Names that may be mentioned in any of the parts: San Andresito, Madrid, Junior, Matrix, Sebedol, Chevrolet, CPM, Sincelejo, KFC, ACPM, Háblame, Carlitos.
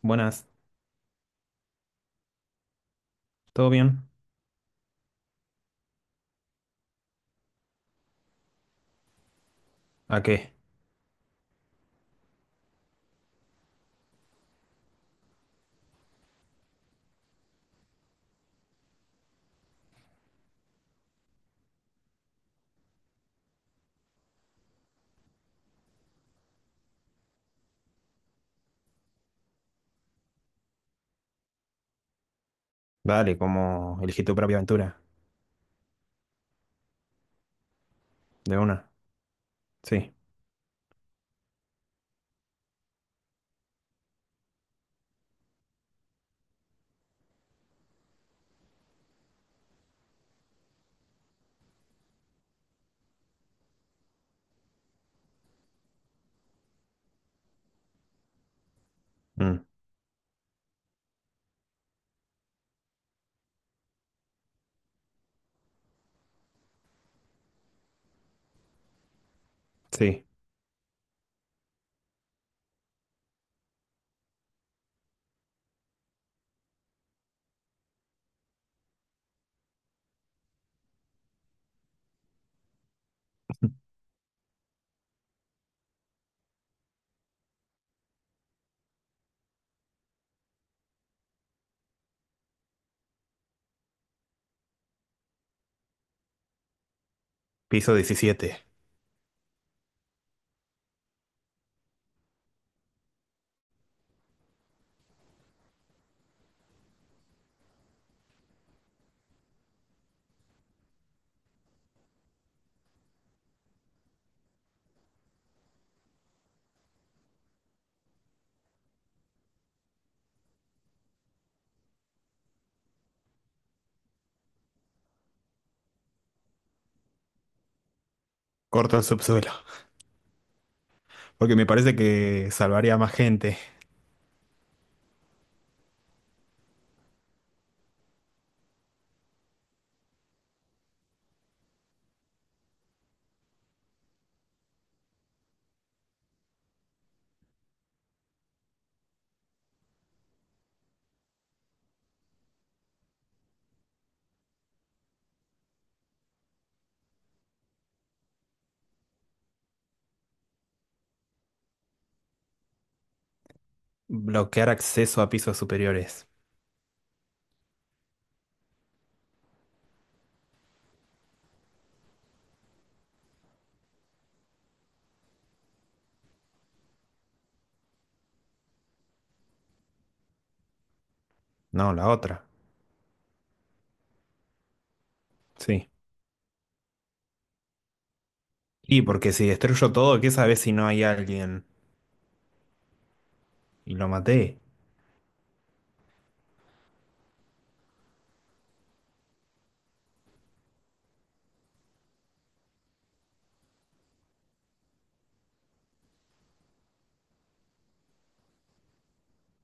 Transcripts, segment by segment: Buenas, ¿todo bien? ¿A qué? Vale, como elegí tu propia aventura. De una. Sí. Mm, sí. Piso 17. Corto el subsuelo. Porque me parece que salvaría a más gente. Bloquear acceso a pisos superiores. No, la otra. Sí. Y porque si destruyo todo, ¿qué sabes si no hay alguien? Y lo maté.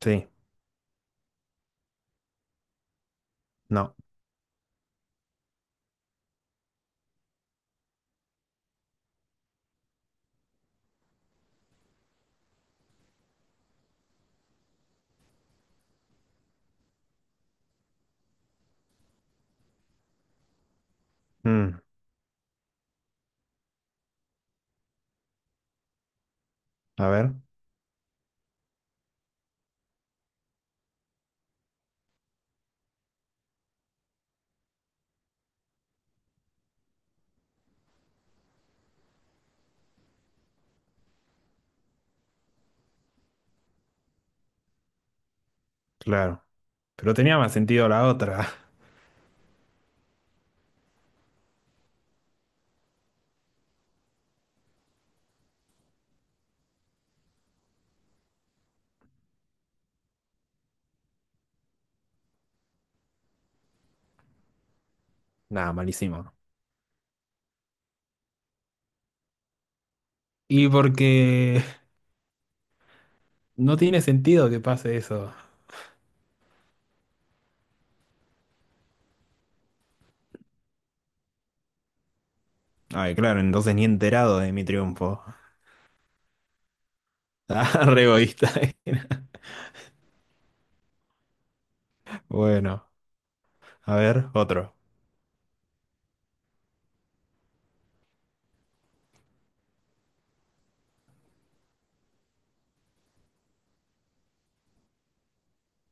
Sí. No. Mm, a ver. Claro. Pero tenía más sentido la otra. Nada, malísimo. Y porque no tiene sentido que pase eso. Ay, claro, entonces ni enterado de mi triunfo. Ah, re egoísta. Bueno, a ver, otro.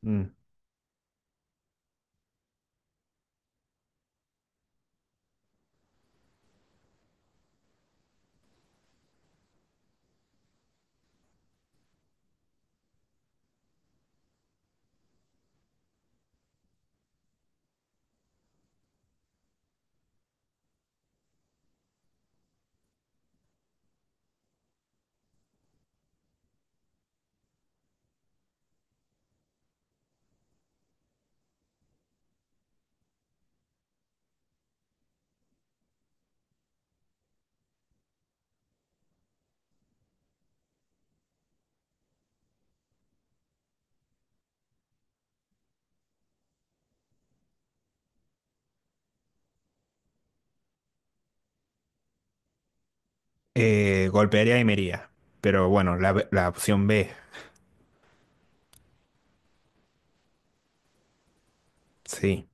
Mm. Golpearía y me iría. Pero bueno, la opción B. Sí,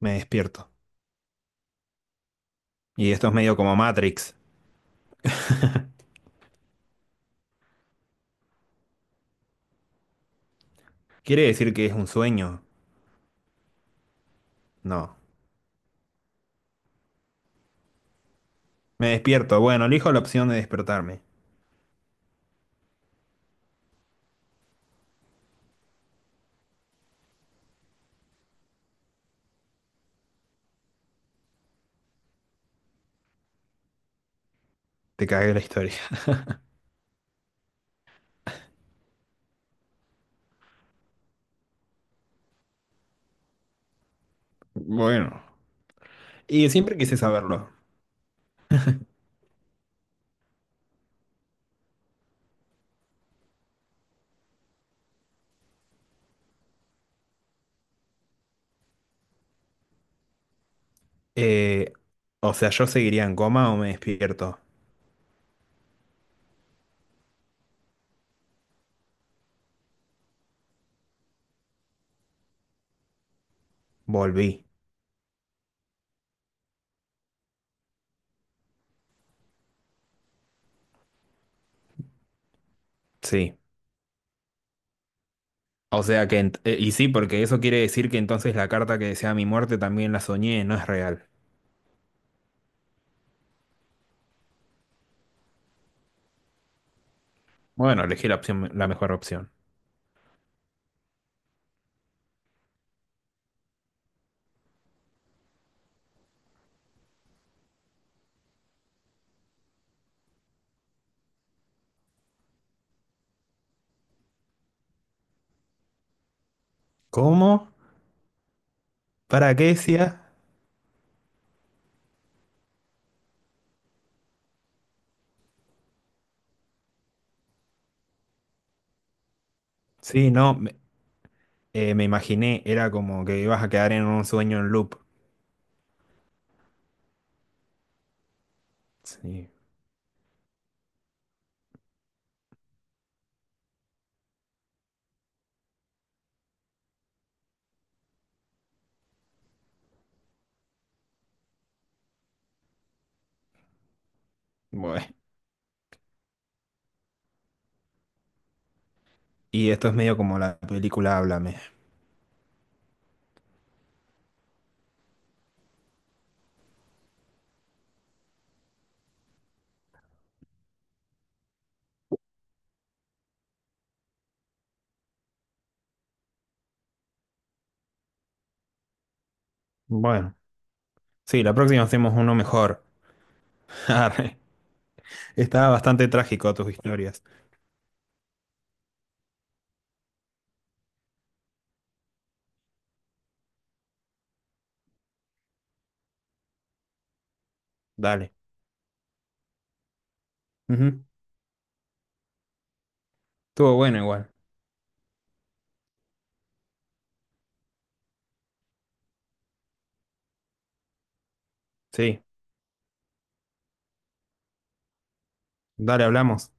me despierto. Y esto es medio como Matrix. ¿Quiere decir que es un sueño? No. Me despierto. Bueno, elijo la opción de despertarme. Te cagué la historia. Bueno. Y siempre quise saberlo. Eh, o sea, ¿yo seguiría en coma o me despierto? Volví. Sí. O sea que, y sí, porque eso quiere decir que entonces la carta que desea mi muerte también la soñé, no es real. Bueno, elegí la opción, la mejor opción. ¿Cómo? ¿Para qué decía? Sí, no, me, me imaginé, era como que ibas a quedar en un sueño en loop. Sí, bueno. Y esto es medio como la película Háblame. Bueno, sí, la próxima hacemos uno mejor. Arre. Estaba bastante trágico tus historias. Dale. Ujú. Estuvo bueno igual. Sí, dale, hablamos.